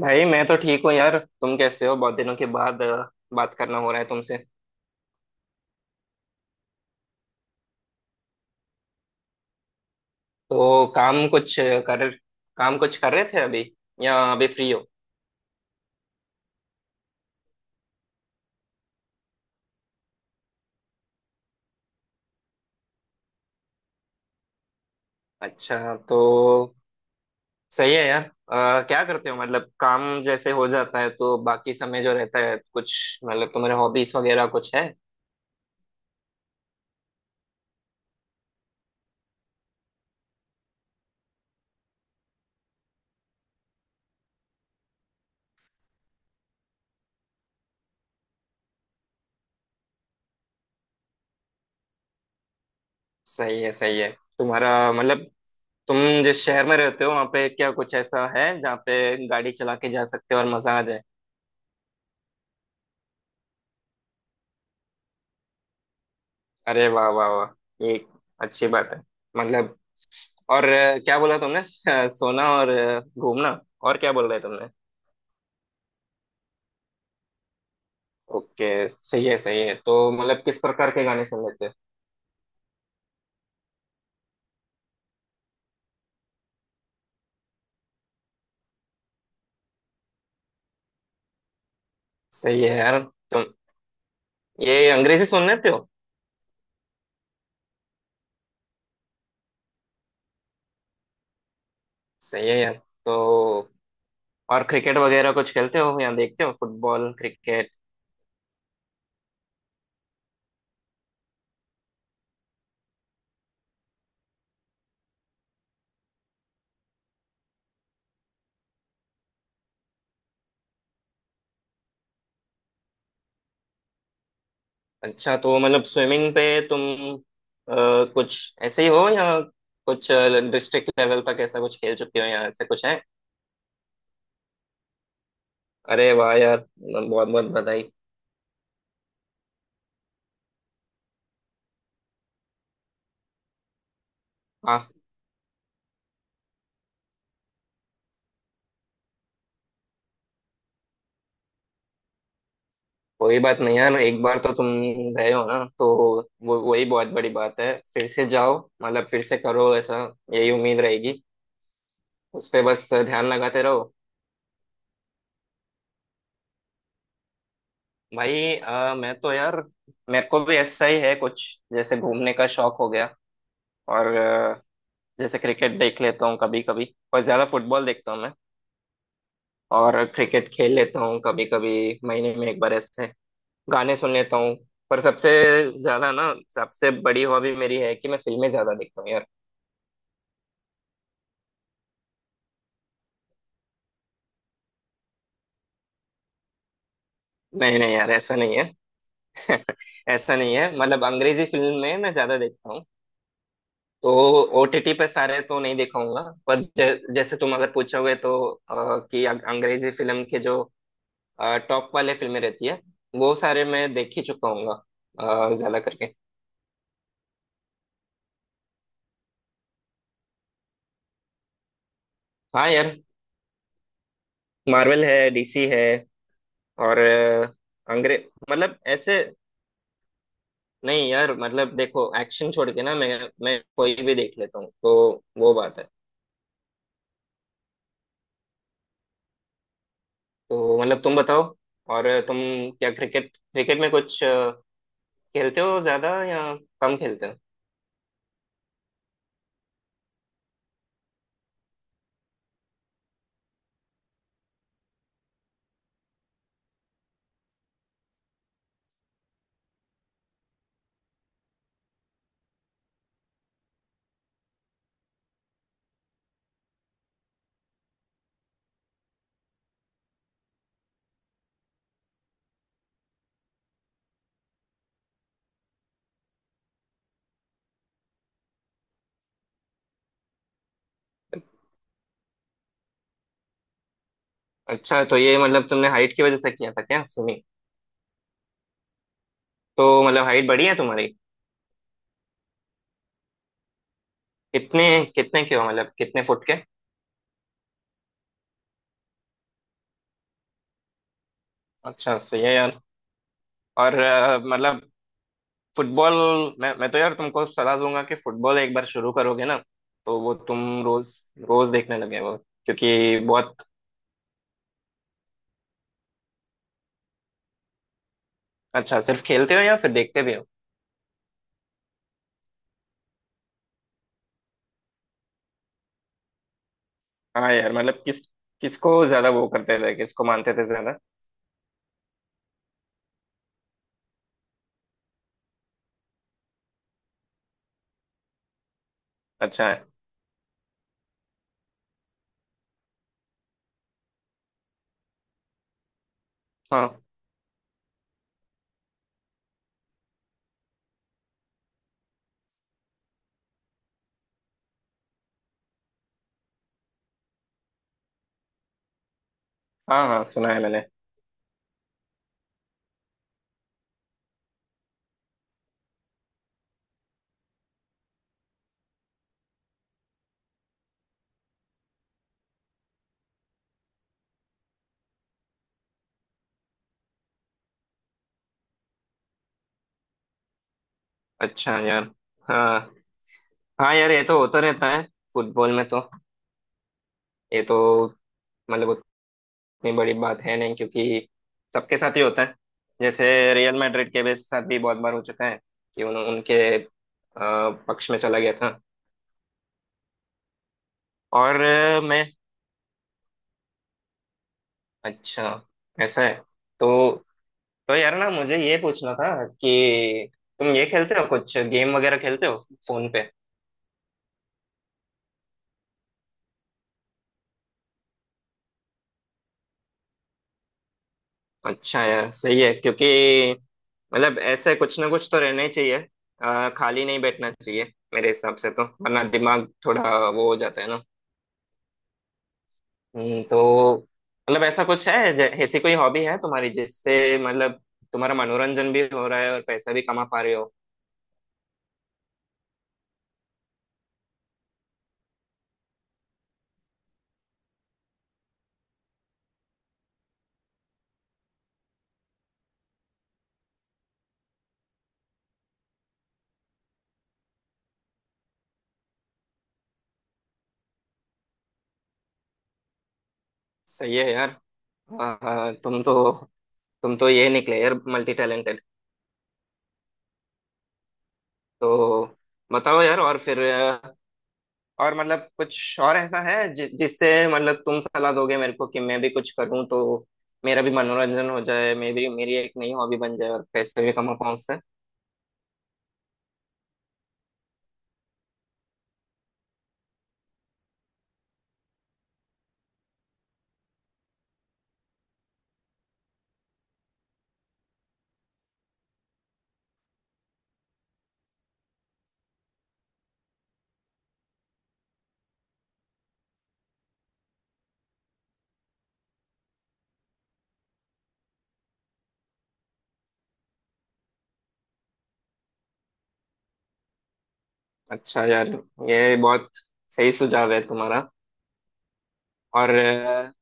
भाई मैं तो ठीक हूँ यार। तुम कैसे हो? बहुत दिनों के बाद बात करना हो रहा है तुमसे। तो कर काम कुछ कर रहे थे अभी या अभी फ्री हो? अच्छा। तो सही है यार। क्या करते हो, मतलब काम जैसे हो जाता है तो बाकी समय जो रहता है कुछ, मतलब तुम्हारे हॉबीज वगैरह कुछ है? सही है, सही है। तुम्हारा मतलब, तुम जिस शहर में रहते हो वहाँ पे क्या कुछ ऐसा है जहाँ पे गाड़ी चला के जा सकते हो और मजा आ जाए? अरे वाह वाह वाह! ये अच्छी बात है। मतलब, और क्या बोला तुमने सोना और घूमना। और क्या बोल रहे तुमने? ओके सही है, सही है। तो मतलब किस प्रकार के गाने सुन लेते हो? सही है यार। तुम ये अंग्रेजी सुन लेते हो? सही है यार। तो और क्रिकेट वगैरह कुछ खेलते हो या देखते हो? Football, cricket? अच्छा तो मतलब स्विमिंग पे तुम कुछ ऐसे ही हो, या कुछ डिस्ट्रिक्ट लेवल तक ऐसा कुछ खेल चुके हो, या ऐसे कुछ है? अरे वाह यार! बहुत बहुत बधाई। कोई बात नहीं यार, एक बार तो तुम गए हो ना, तो वो वही बहुत बड़ी बात है। फिर से जाओ, मतलब फिर से करो ऐसा, यही उम्मीद रहेगी। उस पे बस ध्यान लगाते रहो। भाई मैं तो यार मेरे को भी ऐसा ही है कुछ। जैसे घूमने का शौक हो गया, और जैसे क्रिकेट देख लेता हूँ कभी कभी, और ज्यादा फुटबॉल देखता हूँ मैं। और क्रिकेट खेल लेता हूँ कभी कभी, महीने में एक बार ऐसे। गाने सुन लेता हूँ। पर सबसे ज्यादा ना, सबसे बड़ी हॉबी मेरी है कि मैं फिल्में ज्यादा देखता हूँ यार। नहीं नहीं यार, ऐसा नहीं है। ऐसा नहीं है। मतलब अंग्रेजी फिल्म में मैं ज्यादा देखता हूँ। तो ओटीटी पे सारे तो नहीं देखाऊंगा, पर जैसे तुम अगर पूछोगे तो अ, कि अंग्रेजी फिल्म के जो टॉप वाले फिल्में रहती है, वो सारे मैं देख ही चुका हूंगा ज्यादा करके। हाँ यार, मार्वल है, डीसी है। और अंग्रेज मतलब ऐसे, नहीं यार मतलब देखो एक्शन छोड़ के ना मैं कोई भी देख लेता हूँ, तो वो बात है। तो मतलब तुम बताओ। और तुम क्या, क्रिकेट क्रिकेट में कुछ खेलते हो ज्यादा या कम खेलते हो? अच्छा, तो ये मतलब तुमने हाइट की वजह से किया था क्या स्विमिंग? तो मतलब हाइट बढ़ी है तुम्हारी? कितने कितने के हो, मतलब कितने फुट के? अच्छा, सही है यार। और मतलब फुटबॉल, मैं तो यार तुमको सलाह दूंगा कि फुटबॉल एक बार शुरू करोगे ना, तो वो तुम रोज रोज देखने लगे, वो क्योंकि बहुत। अच्छा, सिर्फ खेलते हो या फिर देखते भी हो? हाँ यार, मतलब किसको ज्यादा वो करते थे, किसको मानते थे ज्यादा? अच्छा है। हाँ, हाँ हाँ, सुना है मैंने। अच्छा यार। हाँ। हाँ यार, ये तो होता रहता है फुटबॉल में तो। ये तो मतलब उतनी बड़ी बात है नहीं क्योंकि सबके साथ ही होता है। जैसे रियल मैड्रिड के भी साथ भी बहुत बार हो चुका है कि उनके पक्ष में चला गया था। और मैं, अच्छा, ऐसा है। तो यार ना, मुझे ये पूछना था कि तुम ये खेलते हो, कुछ गेम वगैरह खेलते हो फोन पे? अच्छा यार, सही है क्योंकि मतलब ऐसे कुछ ना कुछ तो रहना ही चाहिए। खाली नहीं बैठना चाहिए मेरे हिसाब से तो, वरना दिमाग थोड़ा वो हो जाता है ना। हम्म। तो मतलब ऐसा कुछ है, ऐसी कोई हॉबी है तुम्हारी, जिससे मतलब तुम्हारा मनोरंजन भी हो रहा है और पैसा भी कमा पा रहे हो? सही है यार। अ, तुम तो तुम तो ये निकले यार, मल्टी टैलेंटेड। तो बताओ यार। और फिर और मतलब कुछ और ऐसा है जि जिससे मतलब तुम सलाह दोगे मेरे को कि मैं भी कुछ करूं, तो मेरा भी मनोरंजन हो जाए, मैं भी, मेरी एक नई हॉबी बन जाए और पैसे भी कमा पाऊं उससे? अच्छा यार, ये बहुत सही सुझाव है तुम्हारा। और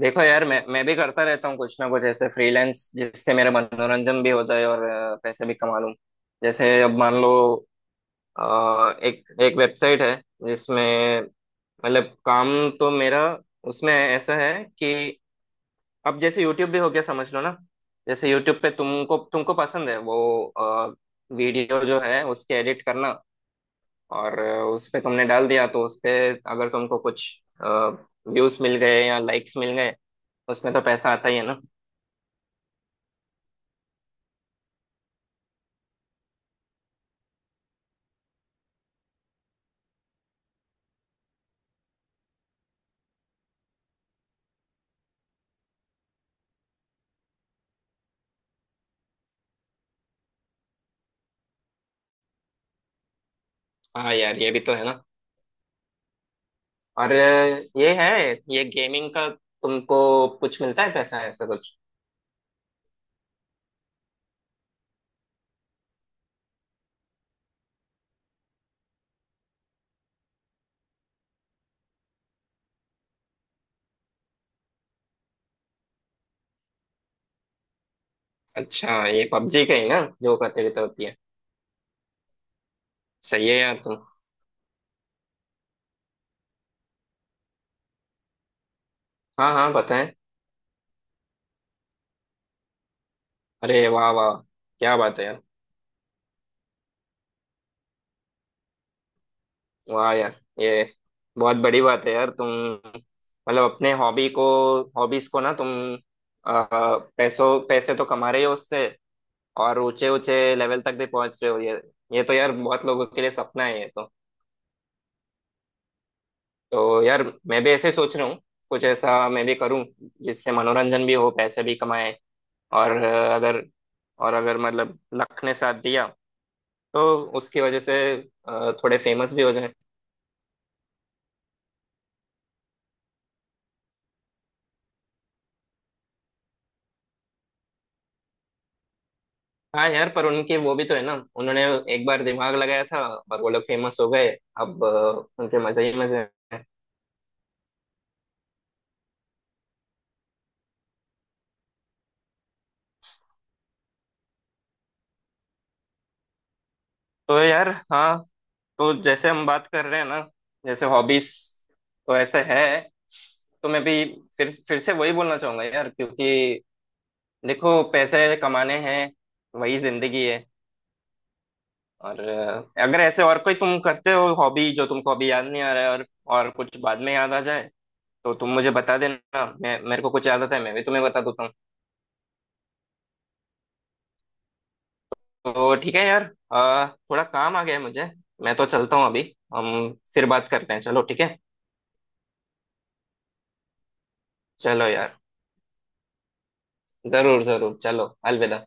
देखो यार, मैं भी करता रहता हूँ कुछ ना कुछ ऐसे फ्रीलांस, जिससे मेरा मनोरंजन भी हो जाए और पैसे भी कमा लूं। जैसे अब मान लो, एक एक वेबसाइट है जिसमें मतलब काम, तो मेरा उसमें ऐसा है कि अब जैसे यूट्यूब भी हो गया, समझ लो ना। जैसे यूट्यूब पे तुमको तुमको पसंद है वो, वीडियो जो है उसके एडिट करना, और उस पे तुमने डाल दिया तो उस पे अगर तुमको कुछ व्यूज मिल गए या लाइक्स मिल गए, उसमें तो पैसा आता ही है ना। हाँ यार, ये भी तो है ना। और ये है, ये गेमिंग का तुमको कुछ मिलता है पैसा, ऐसा कुछ? अच्छा, ये पबजी का ही ना, जो प्रतियोगिता होती है? सही है यार तुम। हाँ हाँ, पता है। अरे वाह वाह! क्या बात है यार! वाह यार, ये बहुत बड़ी बात है यार तुम, मतलब अपने हॉबी को, हॉबीज को ना तुम आ, पैसों पैसे तो कमा रहे हो उससे, और ऊंचे ऊंचे लेवल तक भी पहुंच रहे हो। ये तो यार बहुत लोगों के लिए सपना है ये तो। तो यार मैं भी ऐसे ही सोच रहा हूँ, कुछ ऐसा मैं भी करूँ जिससे मनोरंजन भी हो, पैसे भी कमाए। और अगर मतलब लक ने साथ दिया, तो उसकी वजह से थोड़े फेमस भी हो। हाँ यार, पर उनकी वो भी तो है ना, उन्होंने एक बार दिमाग लगाया था और वो लोग फेमस हो गए। अब उनके मजे ही मजे हैं। तो यार हाँ, तो जैसे हम बात कर रहे हैं ना, जैसे हॉबीज, तो ऐसे है। तो मैं भी फिर से वही बोलना चाहूंगा यार, क्योंकि देखो पैसे कमाने हैं, वही जिंदगी है। और अगर ऐसे और कोई तुम करते हो हॉबी जो तुमको अभी याद नहीं आ रहा है, और कुछ बाद में याद आ जाए, तो तुम मुझे बता देना। मैं, मेरे को कुछ याद आता है मैं भी तुम्हें बता देता हूँ। तो ठीक है यार, थोड़ा काम आ गया है मुझे। मैं तो चलता हूँ अभी। हम फिर बात करते हैं, चलो ठीक है। चलो यार, जरूर जरूर, चलो। अलविदा।